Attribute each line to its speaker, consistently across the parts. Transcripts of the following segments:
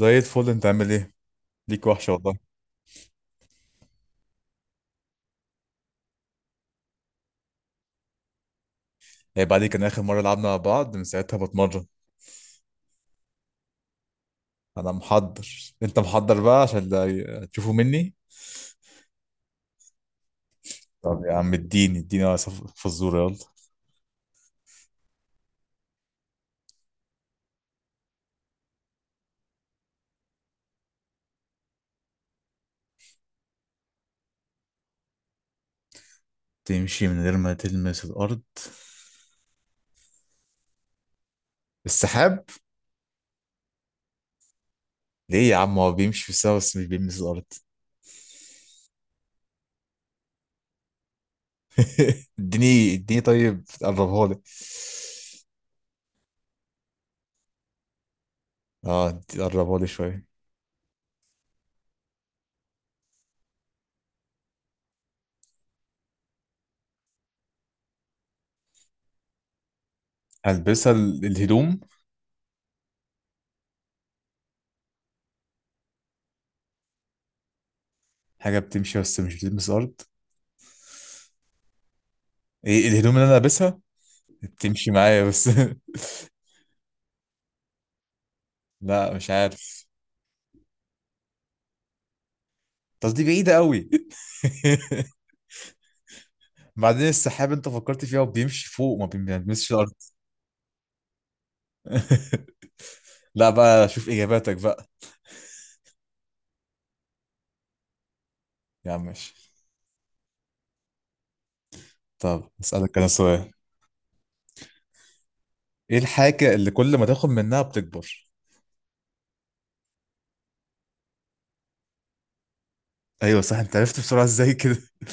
Speaker 1: زي الفل، انت عامل ايه؟ ليك وحشه والله. هي بعد كان اخر مره لعبنا مع بعض، من ساعتها بتمرن. انا محضر. انت محضر بقى عشان تشوفوا مني. طب يا عم، اديني اديني فزوره يلا. تمشي من غير ما تلمس الارض؟ السحاب. ليه يا عم، هو بيمشي في السما بس مش بيلمس الارض. اديني اديني طيب، قربها لي. اه، قربها لي شويه. هلبسها الهدوم. حاجه بتمشي بس مش بتلمس الارض. ايه، الهدوم اللي انا لابسها بتمشي معايا بس. لا، مش عارف. بس دي بعيدة قوي. بعدين السحاب انت فكرت فيها، وبيمشي فوق ما بيلمسش الارض. لا بقى، شوف اجاباتك بقى. يا عم ماشي. طب اسألك انا سؤال. ايه الحاجة اللي كل ما تاخد منها بتكبر؟ ايوه صح، انت عرفت بسرعة ازاي كده.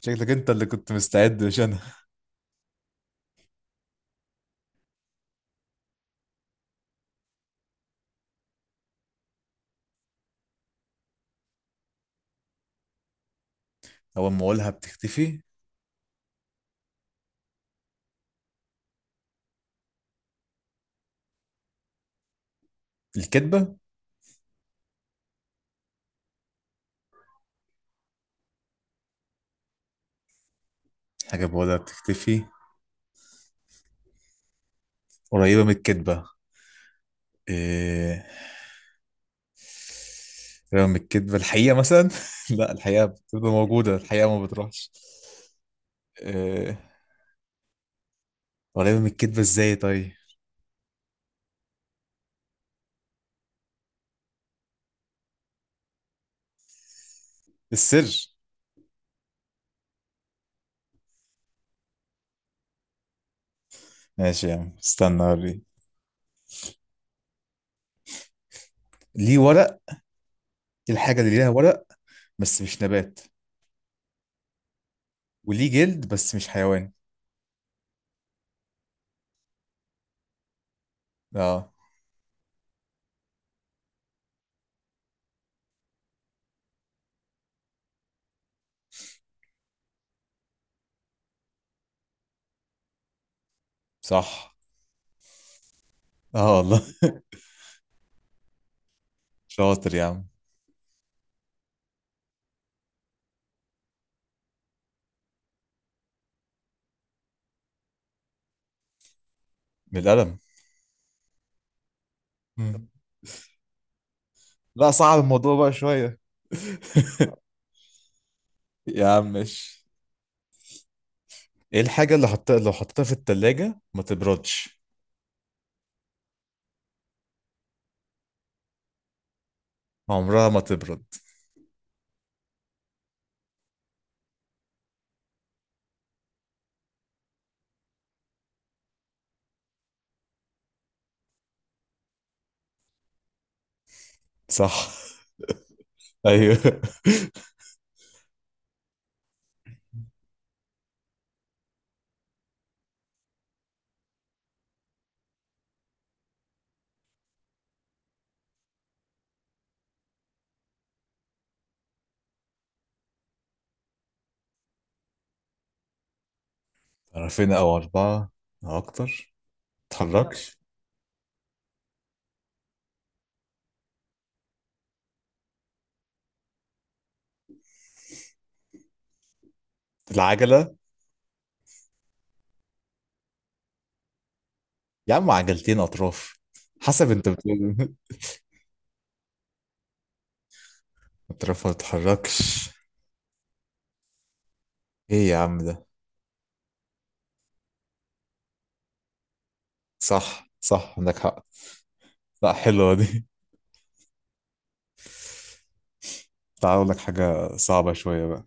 Speaker 1: شكلك انت اللي كنت مستعد، مش انا. اول ما اقولها بتختفي. الكدبة. حاجة بقولها بتختفي، قريبة من الكدبة. إيه، رغم الكذب الحقيقة مثلا. لا، الحقيقة بتبقى موجودة، الحقيقة ما بتروحش. أه... ولا من الكذبة ازاي طيب؟ السر. ماشي يا عم، استنى اوريك. ليه ورق. إيه الحاجة اللي ليها ورق بس مش نبات، وليه جلد بس مش حيوان؟ اه، صح. اه والله. شاطر يا عم. من القلم. مم. لا، صعب الموضوع بقى شوية. يا عم ماشي. ايه الحاجة اللي حطيتها، لو حطيتها في التلاجة ما تبردش؟ عمرها ما تبرد. صح. ايوه. طرفين او اربعه او اكتر، متتحركش. العجله. يا عم عجلتين اطراف، حسب انت بتقول. اطرافها متتحركش، ايه يا عم ده؟ صح صح، عندك حق. لا، حلوه دي. تعال اقول لك حاجه صعبه شويه بقى.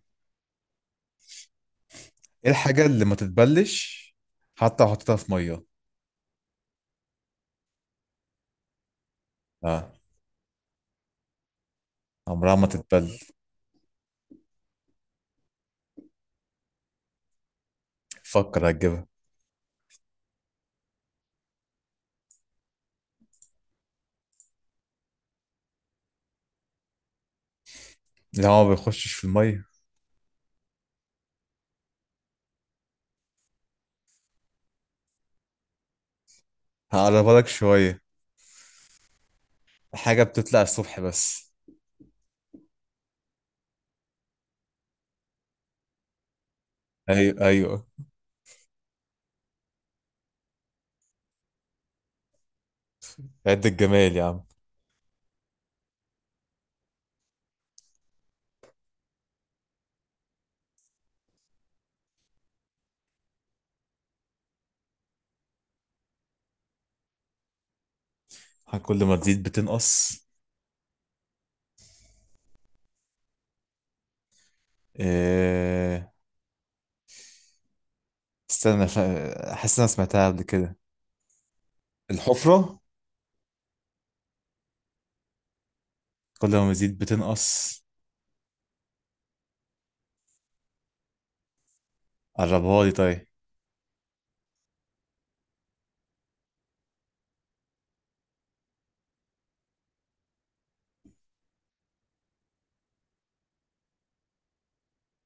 Speaker 1: ايه الحاجه اللي ما تتبلش حتى لو حطيتها في ميه؟ اه، عمرها ما تتبل. فكر هتجيبها. لا، هو ما بيخشش في الميه. هقربها لك شويه. حاجه بتطلع الصبح بس. ايوه ايوه. عد الجمال يا عم. كل ما تزيد بتنقص. إيه... استنى. احس إن انا سمعتها قبل كده. الحفرة. كل ما تزيد بتنقص. قربها لي طيب.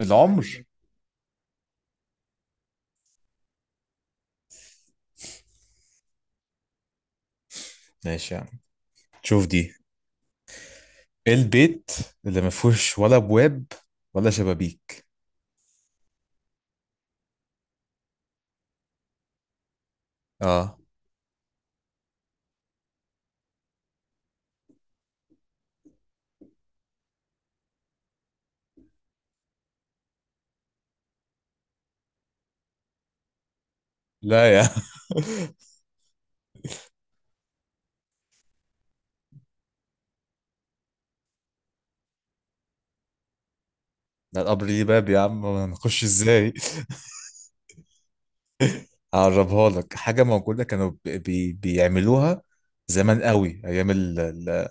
Speaker 1: العمر. ماشي يا عم، شوف دي. ايه البيت اللي ما فيهوش ولا ابواب ولا شبابيك؟ اه. لا يا. ده القبر ليه باب يا عم، ما نخش ازاي. هقربها لك. حاجة موجودة كانوا بيعملوها زمان قوي، ايام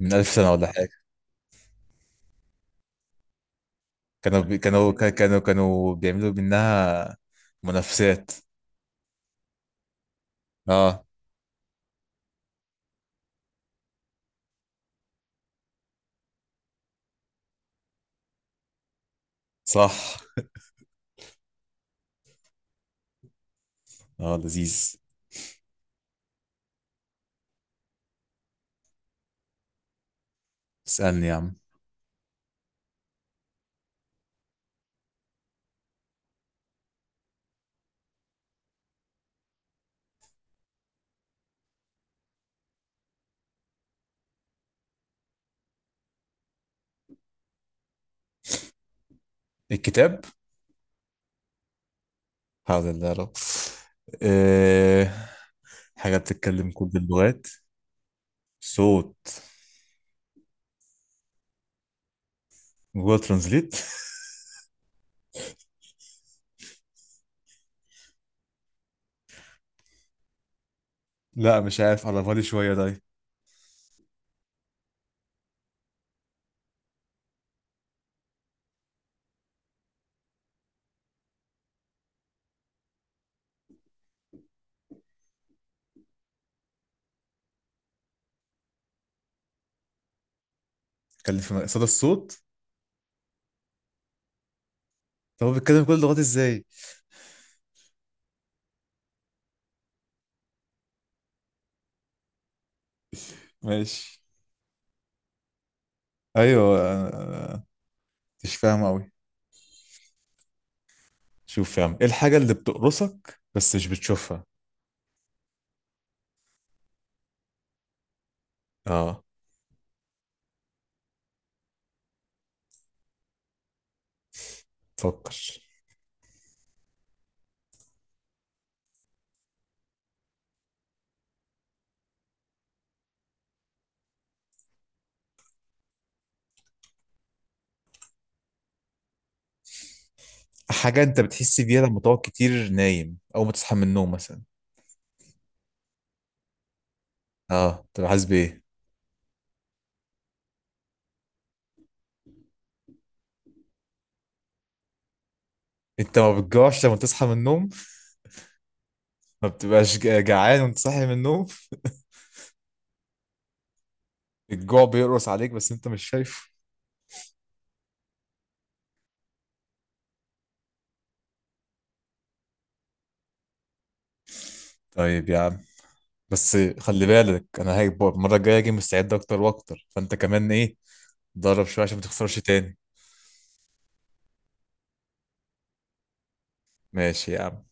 Speaker 1: من 1000 سنة ولا حاجة. كانوا كانوا بيعملوا منها منافسات. اه، صح. اه لذيذ. اسألني يا عم. الكتاب. حول الله يا رب. أه... حاجة بتتكلم كل اللغات. صوت. جوجل ترانزليت. لا، مش عارف، على بالي شوية ده. بيتكلم في صدى الصوت. طب هو بيتكلم كل اللغات ازاي؟ ماشي. ايوه. أنا مش فاهم قوي. شوف فاهم ايه الحاجة اللي بتقرصك بس مش بتشوفها؟ اه. فكر. حاجة انت بتحس بيها لما تقعد كتير نايم او ما تصحى من النوم مثلا. اه، طب حاسس بايه؟ انت ما بتجوعش لما تصحى من النوم. ما بتبقاش جعان وانت صاحي من النوم. الجوع بيقرص عليك بس انت مش شايفه. طيب يا عم، بس خلي بالك انا هاجي المرة الجاية اجي مستعد اكتر واكتر، فانت كمان ايه، اتدرب شوية عشان ما تخسرش تاني. ماشي يا عم.